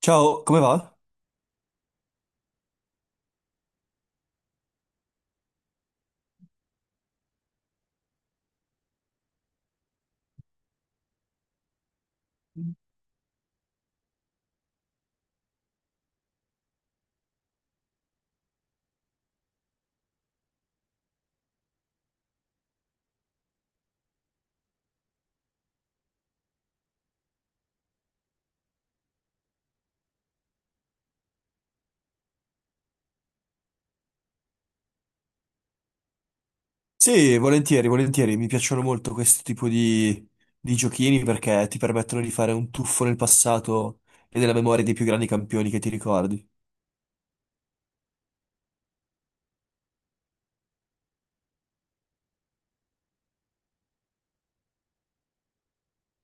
Ciao, come va? Sì, volentieri, volentieri. Mi piacciono molto questo tipo di giochini perché ti permettono di fare un tuffo nel passato e nella memoria dei più grandi campioni che ti ricordi.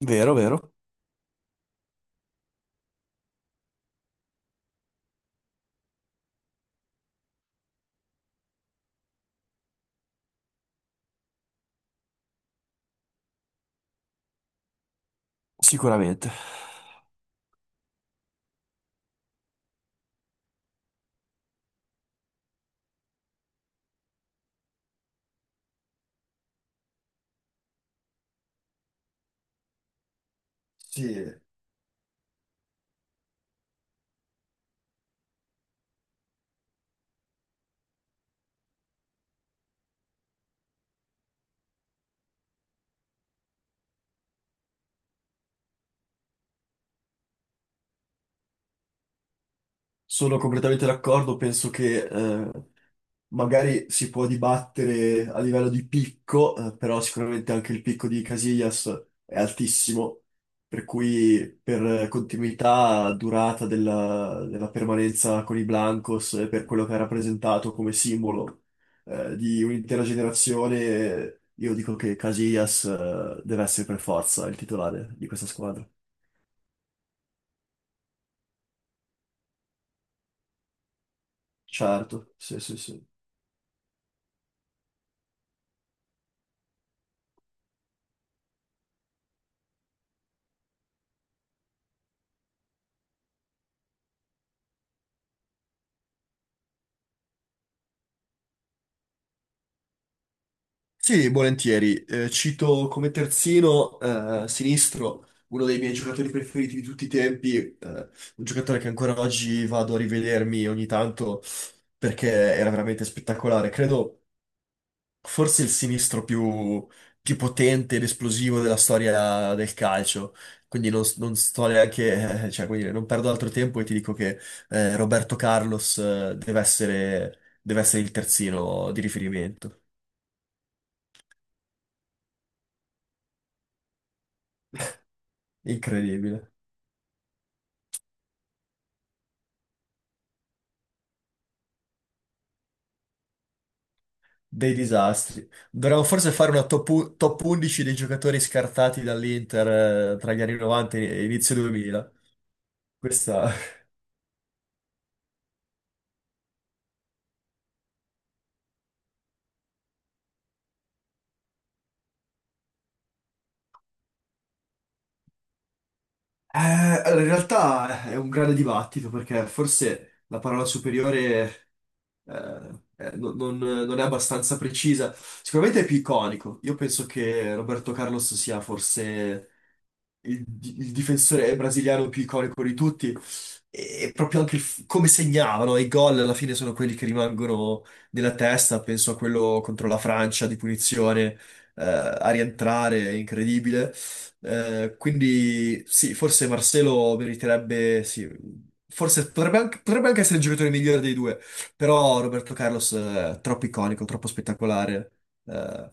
Vero, vero? Sicuramente. Sì, sono completamente d'accordo. Penso che magari si può dibattere a livello di picco, però sicuramente anche il picco di Casillas è altissimo, per cui per continuità, durata della permanenza con i Blancos e per quello che ha rappresentato come simbolo, di un'intera generazione, io dico che Casillas, deve essere per forza il titolare di questa squadra. Certo, sì, sì, sì. Sì, volentieri. Cito come terzino sinistro uno dei miei giocatori preferiti di tutti i tempi, un giocatore che ancora oggi vado a rivedermi ogni tanto perché era veramente spettacolare. Credo forse il sinistro più potente ed esplosivo della storia del calcio. Quindi non sto neanche, cioè, come dire, non perdo altro tempo e ti dico che Roberto Carlos deve essere il terzino di riferimento. Incredibile. Dei disastri. Dovremmo forse fare una top 11 dei giocatori scartati dall'Inter tra gli anni 90 e inizio 2000. Questa allora, in realtà è un grande dibattito perché forse la parola superiore eh, non è abbastanza precisa. Sicuramente è più iconico. Io penso che Roberto Carlos sia forse il difensore brasiliano più iconico di tutti. E proprio anche come segnavano i gol alla fine sono quelli che rimangono nella testa. Penso a quello contro la Francia di punizione a rientrare, è incredibile. Quindi sì, forse Marcelo meriterebbe, sì, forse potrebbe anche essere il giocatore migliore dei due, però Roberto Carlos è troppo iconico, troppo spettacolare. eh.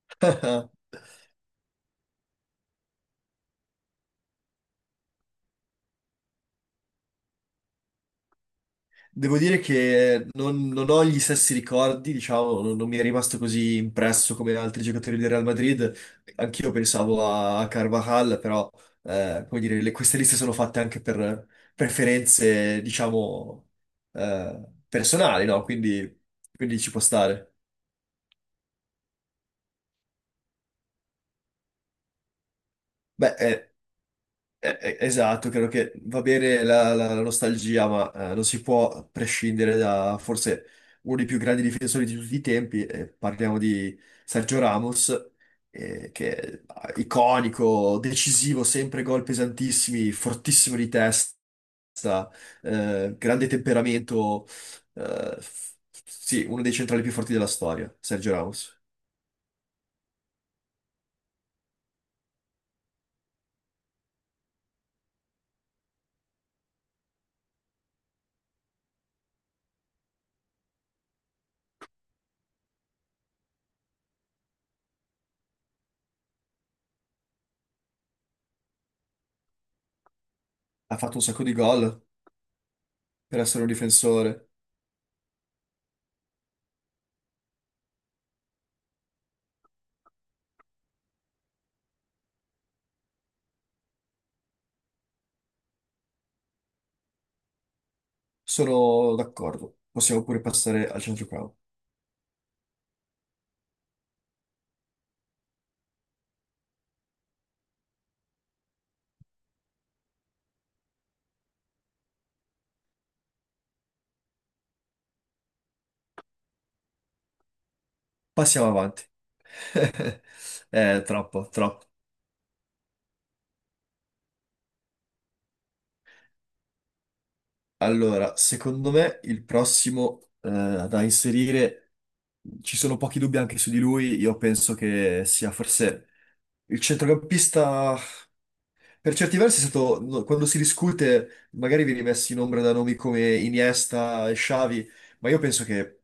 Devo dire che non ho gli stessi ricordi, diciamo, non mi è rimasto così impresso come altri giocatori del Real Madrid. Anch'io pensavo a Carvajal, però, come dire, queste liste sono fatte anche per preferenze, diciamo, personali, no? Quindi ci può stare. Beh, eh, Esatto, credo che va bene la nostalgia, ma non si può prescindere da forse uno dei più grandi difensori di tutti i tempi. Parliamo di Sergio Ramos, che è iconico, decisivo, sempre gol pesantissimi, fortissimo di testa, grande temperamento. eh, f- sì, uno dei centrali più forti della storia, Sergio Ramos. Ha fatto un sacco di gol per essere un difensore. Sono d'accordo, possiamo pure passare al centrocampo. Passiamo avanti. Troppo, troppo. Allora, secondo me il prossimo da inserire, ci sono pochi dubbi anche su di lui, io penso che sia forse il centrocampista. Per certi versi è stato, no, quando si discute, magari vieni messi in ombra da nomi come Iniesta e Xavi, ma io penso che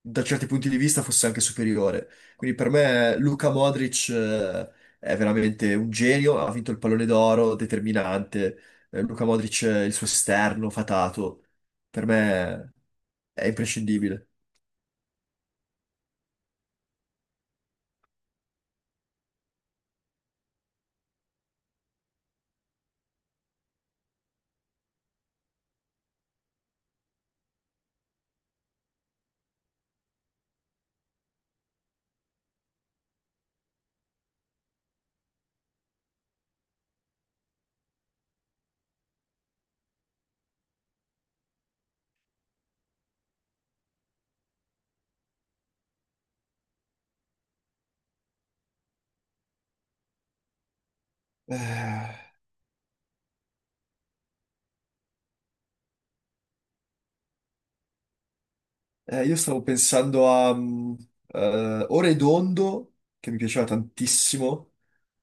da certi punti di vista fosse anche superiore. Quindi per me Luka Modric è veramente un genio, ha vinto il pallone d'oro, determinante. Luka Modric, il suo esterno fatato, per me è imprescindibile. Eh, io stavo pensando a Oredondo, che mi piaceva tantissimo.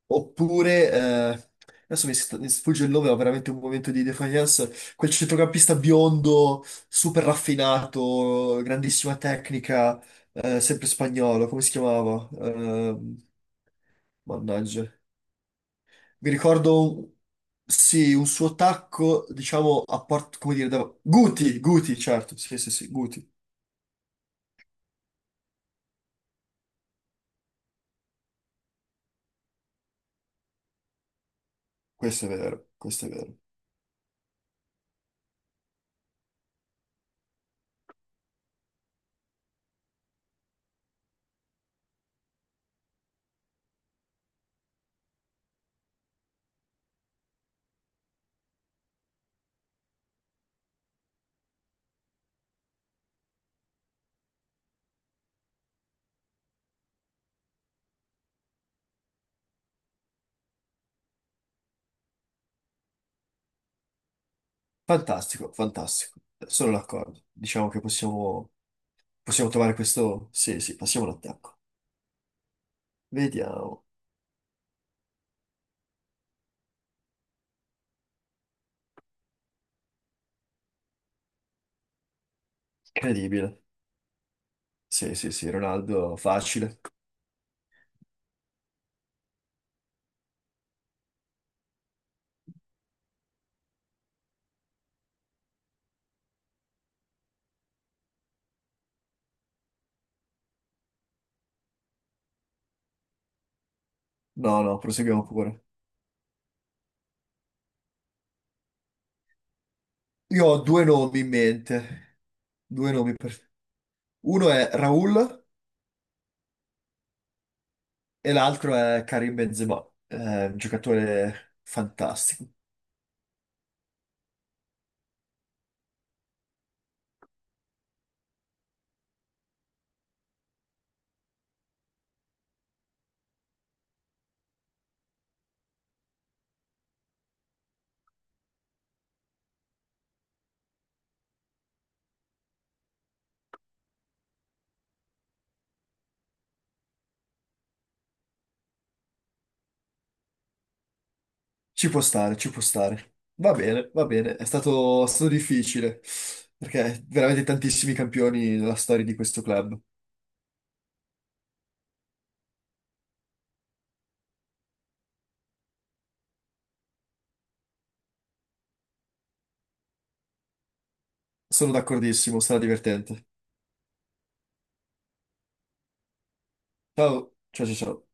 Oppure, adesso mi sfugge il nome, ho veramente un momento di defiance, quel centrocampista biondo, super raffinato, grandissima tecnica, sempre spagnolo, come si chiamava? Mannaggia. Mi ricordo, sì, un suo tacco, diciamo, a porta, come dire, da... Guti, Guti, certo, sì, sì, sì, Guti. Questo è vero, questo è vero. Fantastico, fantastico. Sono d'accordo. Diciamo che possiamo trovare questo... Sì, sì, passiamo all'attacco. Vediamo. Incredibile. Sì, sì, sì, Ronaldo, facile. No, no, proseguiamo pure. Io ho due nomi in mente. Due nomi per... Uno è Raul e l'altro è Karim Benzema. È un giocatore fantastico. Ci può stare, ci può stare. Va bene, va bene. È stato difficile perché veramente tantissimi campioni nella storia di questo club. Sono d'accordissimo, sarà divertente. Ciao, ciao, ciao, ciao.